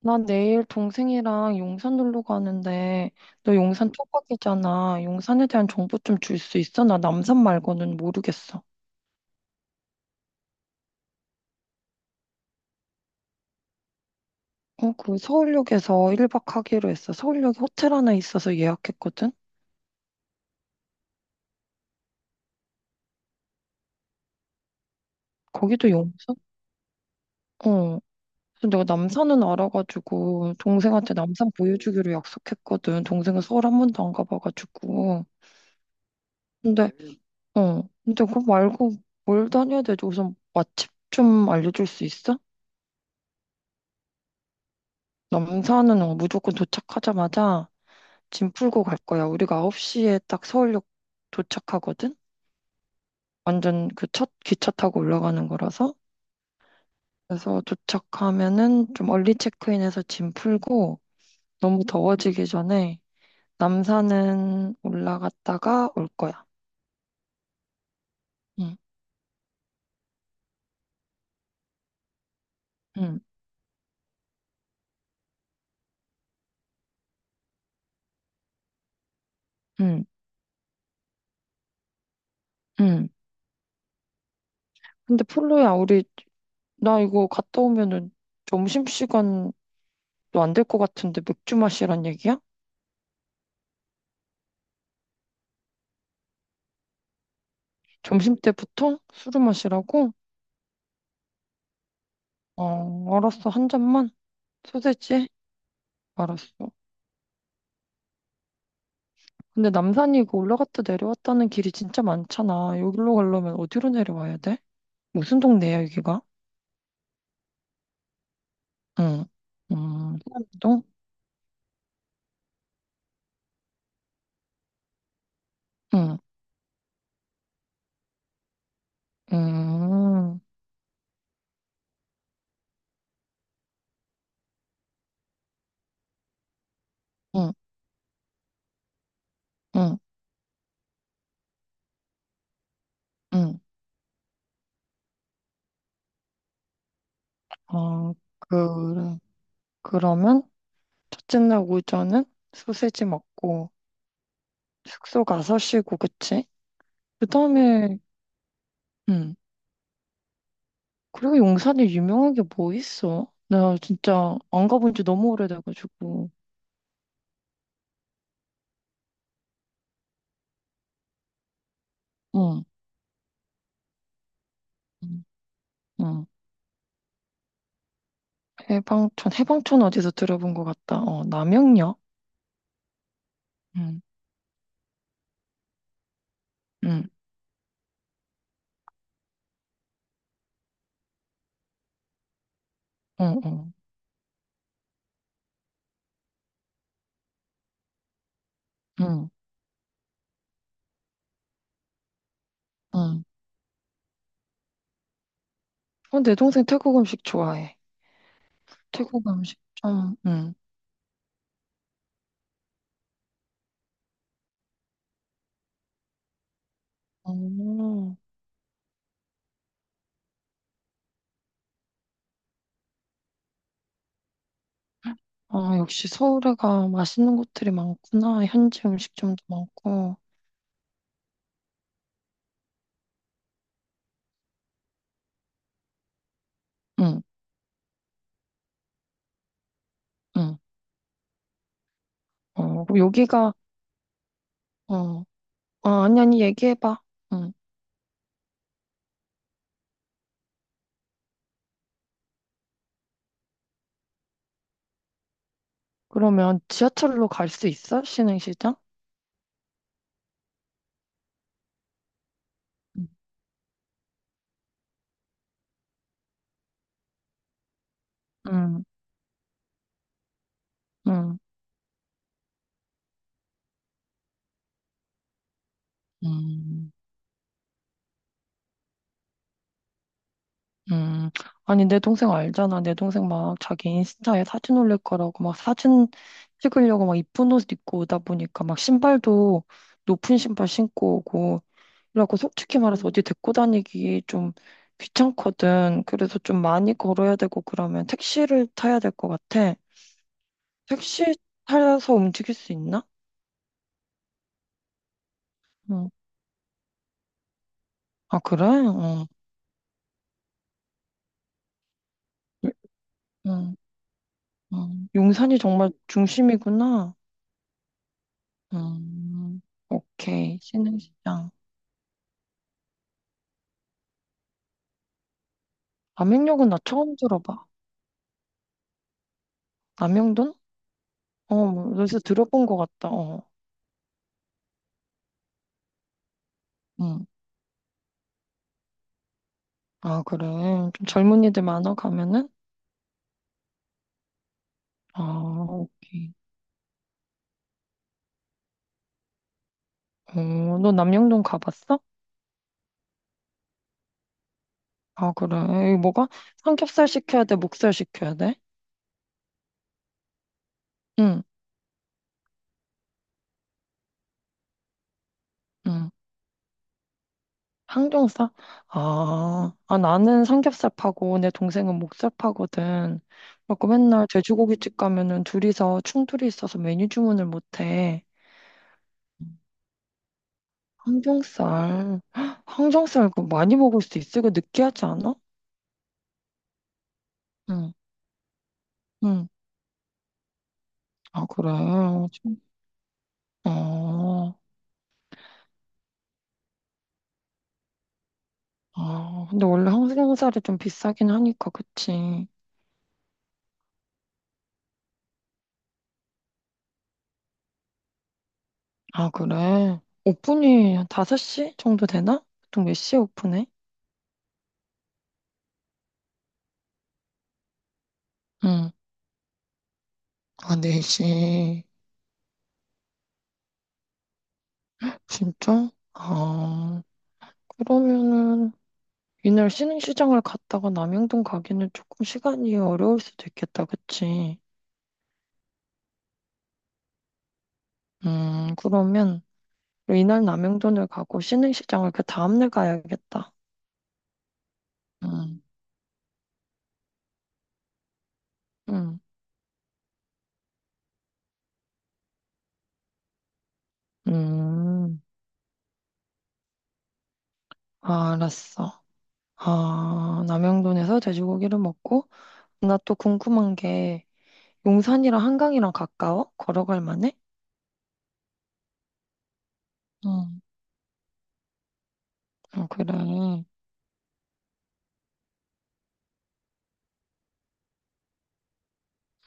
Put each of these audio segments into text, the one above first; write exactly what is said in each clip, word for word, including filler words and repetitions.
나 내일 동생이랑 용산 놀러 가는데, 너 용산 토박이잖아. 용산에 대한 정보 좀 줄 수 있어? 나 남산 말고는 모르겠어. 어, 그 서울역에서 일 박 하기로 했어. 서울역에 호텔 하나 있어서 예약했거든? 거기도 용산? 어. 그래서 내가 남산은 알아가지고, 동생한테 남산 보여주기로 약속했거든. 동생은 서울 한 번도 안 가봐가지고. 근데, 어. 근데 그거 말고 뭘 다녀야 되지? 우선 맛집 좀 알려줄 수 있어? 남산은 어, 무조건 도착하자마자 짐 풀고 갈 거야. 우리가 아홉 시에 딱 서울역 도착하거든? 완전 그 첫 기차 타고 올라가는 거라서. 그래서 도착하면은 좀 얼리 체크인해서 짐 풀고 너무 더워지기 전에 남산은 올라갔다가 올 거야. 응, 응, 응, 응. 근데 폴로야, 우리, 나 이거 갔다 오면은 점심시간도 안 될 것 같은데 맥주 마시란 얘기야? 점심 때부터 술을 마시라고? 어, 알았어. 한 잔만? 소세지? 알았어. 근데 남산이 그 올라갔다 내려왔다는 길이 진짜 많잖아. 여기로 가려면 어디로 내려와야 돼? 무슨 동네야, 여기가? 응. 음, 동? 응. 음, 응, 응, 응. 어, 그래. 그러면 첫째 날 오전은 소세지 먹고 숙소 가서 쉬고, 그치? 그 다음에, 응. 그리고 용산에 유명한 게 뭐 있어? 나 진짜 안 가본 지 너무 오래돼가지고. 응, 응, 응. 해방촌, 해방촌 어디서 들어본 것 같다. 어, 남영역? 응, 응, 응, 응, 응, 응. 어, 내 동생 태국 음식 좋아해. 태국 음식 참, 응. 어, 아, 역시 서울에 가 맛있는 곳들이 많구나. 현지 음식점도 많고. 응, 응. 어, 그럼 여기가, 어, 아, 아니, 아니, 얘기해봐. 응. 그러면 지하철로 갈 수 있어? 신흥시장? 응. 응, 응. 음. 음, 아니, 내 동생 알잖아. 내 동생 막 자기 인스타에 사진 올릴 거라고 막 사진 찍으려고 막 이쁜 옷 입고 오다 보니까 막 신발도 높은 신발 신고 오고 이러고 솔직히 말해서 어디 데리고 다니기 좀 귀찮거든. 그래서 좀 많이 걸어야 되고 그러면 택시를 타야 될 것 같아. 택시 타서 움직일 수 있나? 응. 아, 그래? 응. 응, 응. 용산이 정말 중심이구나. 음, 오케이. 신흥시장. 남영역은 나 처음 들어봐. 남영돈? 어, 뭐 요새 들어본 것 같다. 어, 응. 아, 그래. 좀 젊은이들 많아 가면은? 아, 오케이. 어, 너 남영동 가봤어? 아, 그래. 이거 뭐가? 삼겹살 시켜야 돼? 목살 시켜야 돼? 응, 응. 항정살? 아, 아, 나는 삼겹살 파고 내 동생은 목살 파거든. 그래갖고 맨날 돼지고기집 가면은 둘이서 충돌이 있어서 메뉴 주문을 못 해. 항정살. 헉, 항정살 그거 많이 먹을 수 있어? 이거 느끼하지 않아? 응. 응. 아, 그래. 좀, 어, 아, 근데 원래 항정살이 좀 비싸긴 하니까, 그치. 아, 그래. 오픈이 한 다섯 시 정도 되나? 보통 몇 시에 오픈해? 응. 아, 네 시. 진짜? 아, 그러면은, 이날 신흥시장을 갔다가 남영동 가기는 조금 시간이 어려울 수도 있겠다, 그치? 음, 그러면... 이날 남영돈을 가고 신흥시장을 그 다음날 가야겠다. 응. 응, 음, 아, 알았어. 아, 남영돈에서 돼지고기를 먹고, 나 또 궁금한 게, 용산이랑 한강이랑 가까워? 걸어갈 만해? 응. 어, 그래.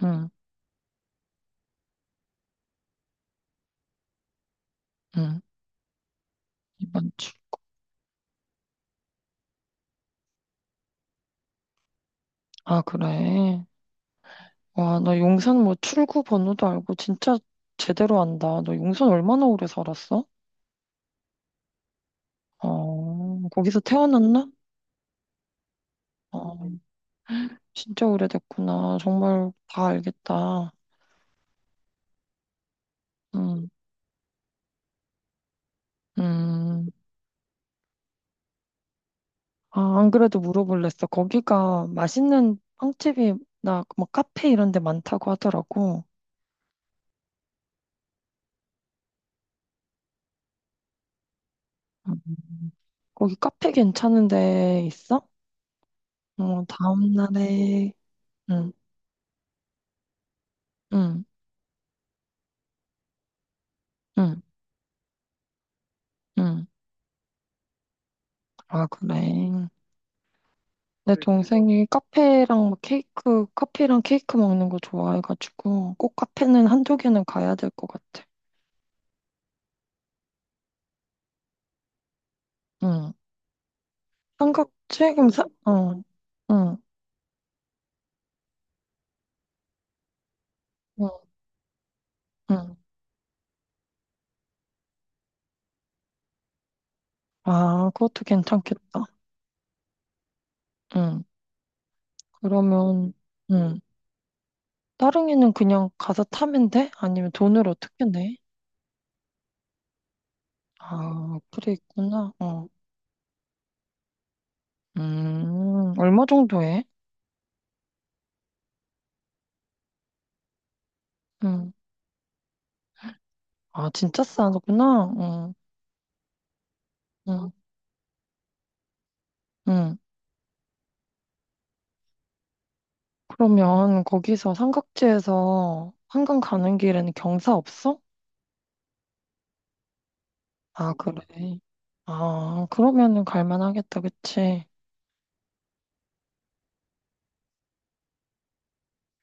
응, 응. 이번 주. 아, 그래. 와, 너 용산 뭐 출구 번호도 알고 진짜 제대로 안다. 너 용산 얼마나 오래 살았어? 어, 거기서 태어났나? 어, 진짜 오래됐구나. 정말 다 알겠다. 음, 음. 아, 안 그래도 물어볼랬어. 거기가 맛있는 빵집이나 뭐 카페 이런 데 많다고 하더라고. 음. 거기 카페 괜찮은 데 있어? 어, 다음 날에. 응, 응, 응, 응. 아, 그래. 내 동생이 카페랑 막 케이크, 커피랑 케이크 먹는 거 좋아해가지고 꼭 카페는 한두 개는 가야 될 것 같아. 응. 삼각 튀김사? 어, 응, 응, 응. 아, 그것도 괜찮겠다. 응. 그러면, 응. 따릉이는 그냥 가서 타면 돼? 아니면 돈을 어떻게 내? 아, 그래 있구나. 어. 음, 얼마 정도 해? 응. 아, 진짜 싸구나. 응, 응, 응. 그러면 거기서 삼각지에서 한강 가는 길에는 경사 없어? 아, 그래. 아, 그러면은 갈만하겠다, 그치?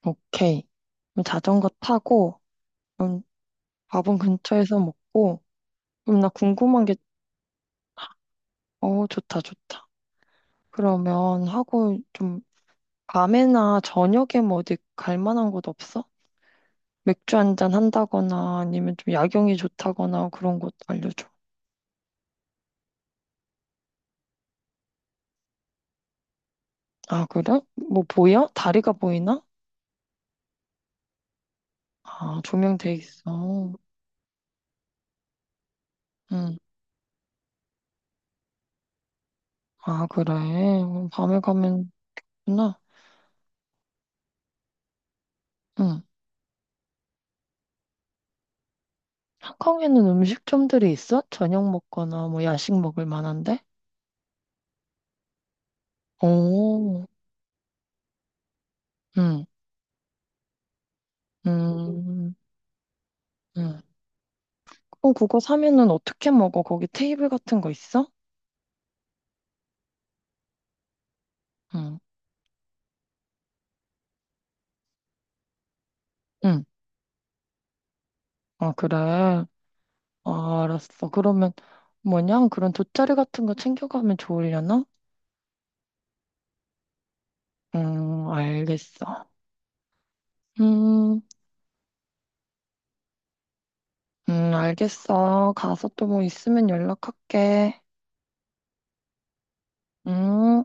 오케이. 그럼 자전거 타고, 그럼 밥은 근처에서 먹고, 그럼 나 궁금한 게, 어, 좋다, 좋다. 그러면 하고 좀 밤에나 저녁에 뭐 어디 갈 만한 곳 없어? 맥주 한잔 한다거나 아니면 좀 야경이 좋다거나 그런 곳 알려줘. 아, 그래? 뭐 보여? 다리가 보이나? 아, 조명돼 있어. 응. 아, 그래. 그럼 밤에 가면 좋구나. 응. 한강에는 음식점들이 있어? 저녁 먹거나 뭐 야식 먹을 만한데? 오, 응, 음. 음, 응. 어, 그거 사면은 어떻게 먹어? 거기 테이블 같은 거 있어? 응, 응. 아, 그래. 아, 알았어. 그러면 뭐냐? 그런 돗자리 같은 거 챙겨가면 좋으려나? 음, 알겠어. 음, 음, 알겠어. 가서 또 뭐 있으면 연락할게. 음.